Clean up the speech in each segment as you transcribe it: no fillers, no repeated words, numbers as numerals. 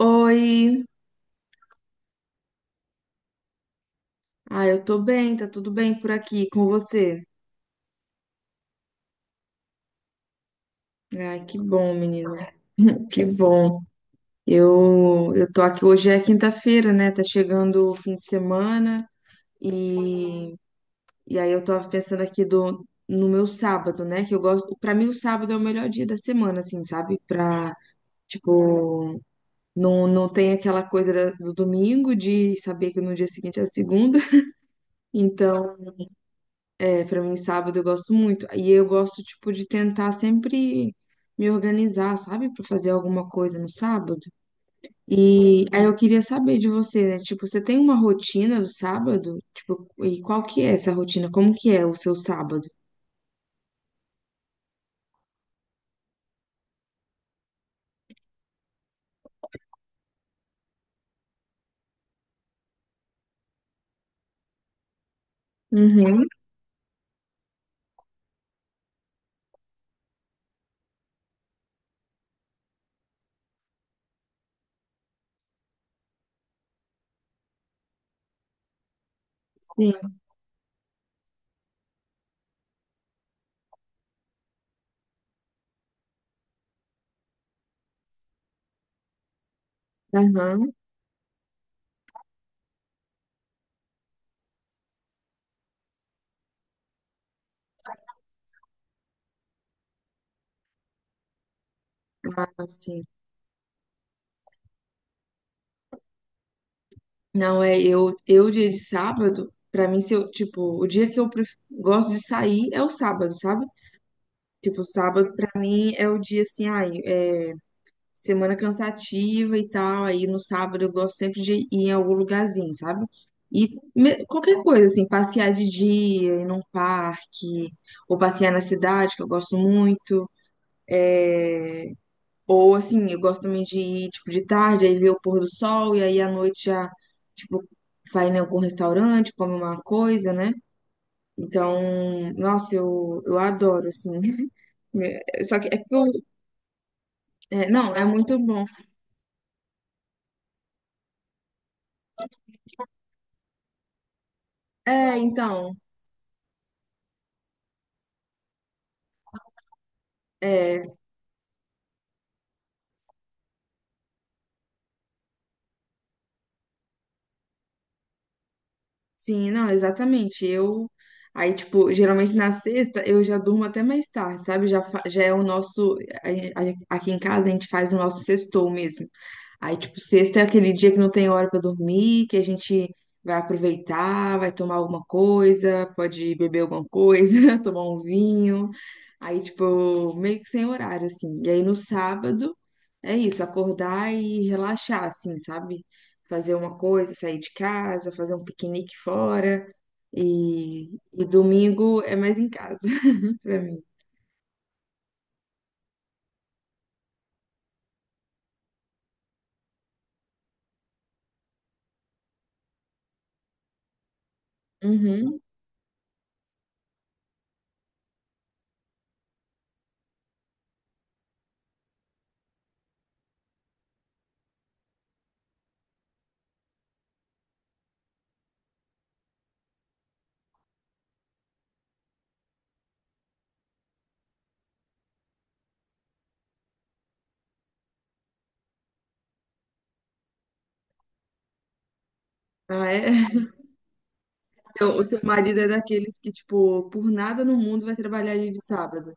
Oi, ah, eu tô bem, tá tudo bem por aqui com você? Ai, que bom, menina, que bom. Eu tô aqui, hoje é quinta-feira, né? Tá chegando o fim de semana e, e aí eu tava pensando aqui no meu sábado, né? Que eu gosto, pra mim o sábado é o melhor dia da semana, assim, sabe? Tipo, não tem aquela coisa do domingo de saber que no dia seguinte é a segunda, então. É, para mim, sábado eu gosto muito. E eu gosto, tipo, de tentar sempre me organizar, sabe? Para fazer alguma coisa no sábado. E aí eu queria saber de você, né? Tipo, você tem uma rotina do sábado? Tipo, e qual que é essa rotina? Como que é o seu sábado? Uhum, sim. Aham. Ah, sim. Não, é eu, eu, dia de sábado, pra mim, se eu, tipo, o dia que eu gosto de sair é o sábado, sabe? Tipo, sábado pra mim é o dia assim, ai, semana cansativa e tal. Aí no sábado eu gosto sempre de ir em algum lugarzinho, sabe? E qualquer coisa, assim, passear de dia, ir num parque, ou passear na cidade, que eu gosto muito. Ou assim, eu gosto também de ir, tipo, de tarde, aí ver o pôr do sol, e aí à noite já, tipo, vai em algum restaurante, come uma coisa, né? Então, nossa, eu, eu, adoro, assim. Só que é porque eu. É, não, é muito bom. É, então. É, sim, não, exatamente. Eu aí, tipo, geralmente na sexta eu já durmo até mais tarde, sabe? Já, já é o nosso. a- Aqui em casa a gente faz o nosso sextou mesmo. Aí, tipo, sexta é aquele dia que não tem hora pra dormir, que a gente vai aproveitar, vai tomar alguma coisa, pode beber alguma coisa, tomar um vinho. Aí, tipo, meio que sem horário, assim. E aí no sábado é isso, acordar e relaxar, assim, sabe? Fazer uma coisa, sair de casa, fazer um piquenique fora. E domingo é mais em casa, pra mim. Uhum. Ah, é? Seu, o seu marido é daqueles que, tipo, por nada no mundo vai trabalhar dia de sábado.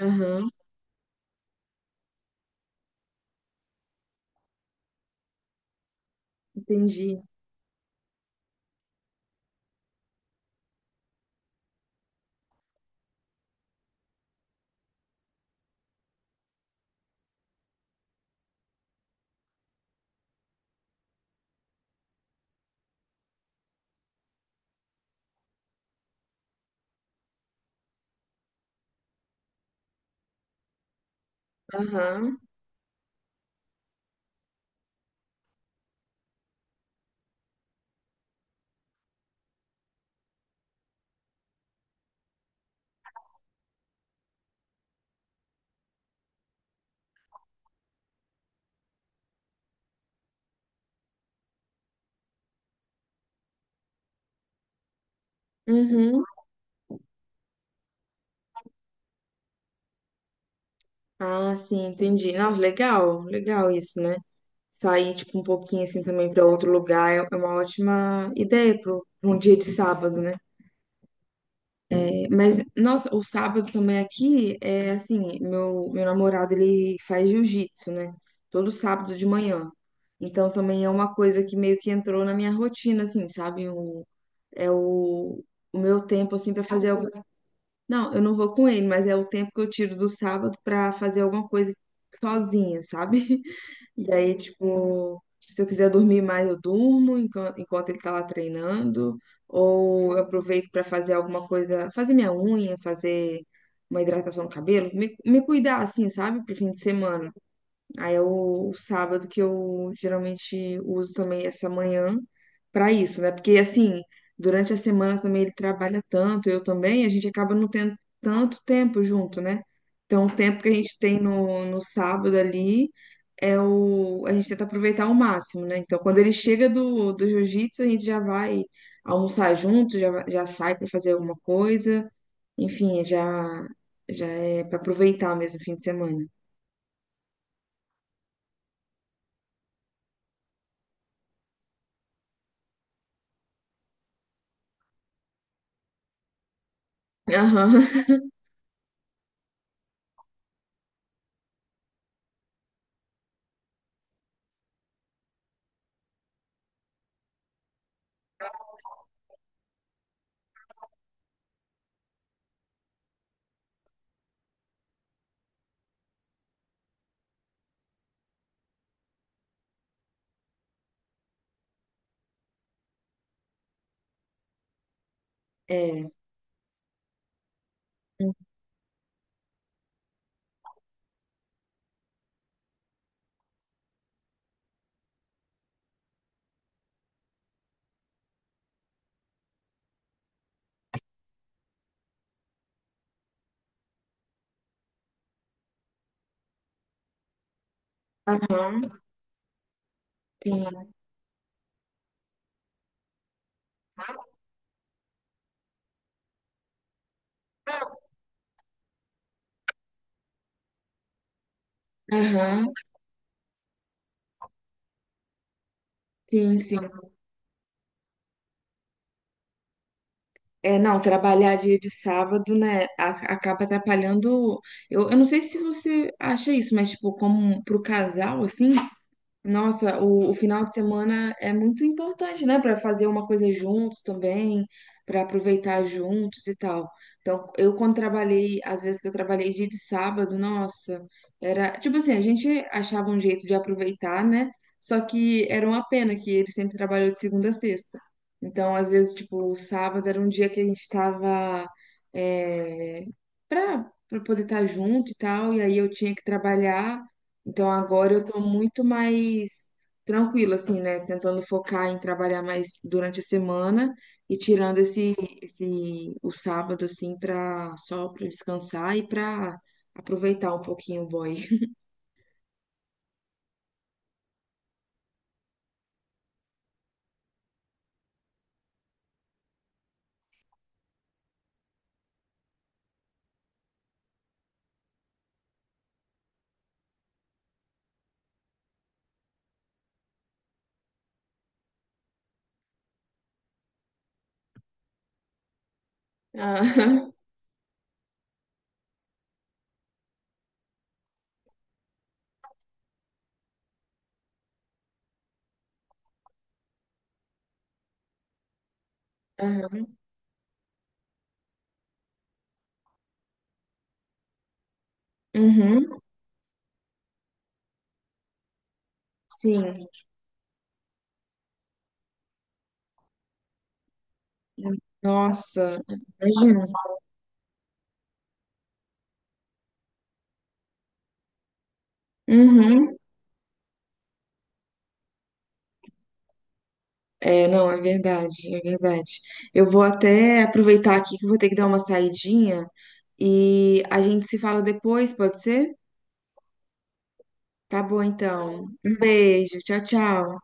Aham, entendi. Aham, uhum. Ah, sim, entendi. Não, legal, legal isso, né? Sair, tipo, um pouquinho assim também pra outro lugar é uma ótima ideia pro pra um dia de sábado, né? É, mas, nossa, o sábado também aqui é assim, meu namorado, ele faz jiu-jitsu, né? Todo sábado de manhã. Então também é uma coisa que meio que entrou na minha rotina, assim, sabe? É o, o, meu tempo, assim, para fazer algo. Não, eu não vou com ele, mas é o tempo que eu tiro do sábado para fazer alguma coisa sozinha, sabe? E aí, tipo, se eu quiser dormir mais, eu durmo enquanto, enquanto, ele tá lá treinando, ou eu aproveito para fazer alguma coisa, fazer minha unha, fazer uma hidratação no cabelo, me, me, cuidar, assim, sabe, pro fim de semana. Aí é o sábado que eu geralmente uso também essa manhã para isso, né? Porque assim, durante a semana também ele trabalha tanto, eu também, a gente acaba não tendo tanto tempo junto, né? Então, o tempo que a gente tem no sábado ali é o, a gente tenta aproveitar ao máximo, né? Então, quando ele chega do jiu-jitsu, a gente já vai almoçar junto, já, já sai para fazer alguma coisa, enfim, já é para aproveitar mesmo o fim de semana. Aham. É. Aham, sim, aham, sim, sim. É, não, trabalhar dia de sábado, né, acaba atrapalhando. Eu, eu, não sei se você acha isso, mas, tipo, como pro casal, assim. Nossa, o final de semana é muito importante, né? Para fazer uma coisa juntos também, para aproveitar juntos e tal. Então, eu quando trabalhei, às vezes que eu trabalhei dia de sábado, nossa, era tipo assim, a gente achava um jeito de aproveitar, né? Só que era uma pena que ele sempre trabalhou de segunda a sexta. Então, às vezes, tipo, o sábado era um dia que a gente tava é, para poder estar junto e tal, e aí eu tinha que trabalhar. Então agora eu tô muito mais tranquila, assim, né? Tentando focar em trabalhar mais durante a semana e tirando esse, o sábado, assim, pra, só pra descansar e pra aproveitar um pouquinho o boy. Aham, aham. Uhum, sim. Nossa, imagina. Uhum. É, não, é verdade, é verdade. Eu vou até aproveitar aqui que eu vou ter que dar uma saidinha e a gente se fala depois, pode ser? Tá bom, então. Um beijo. Tchau, tchau.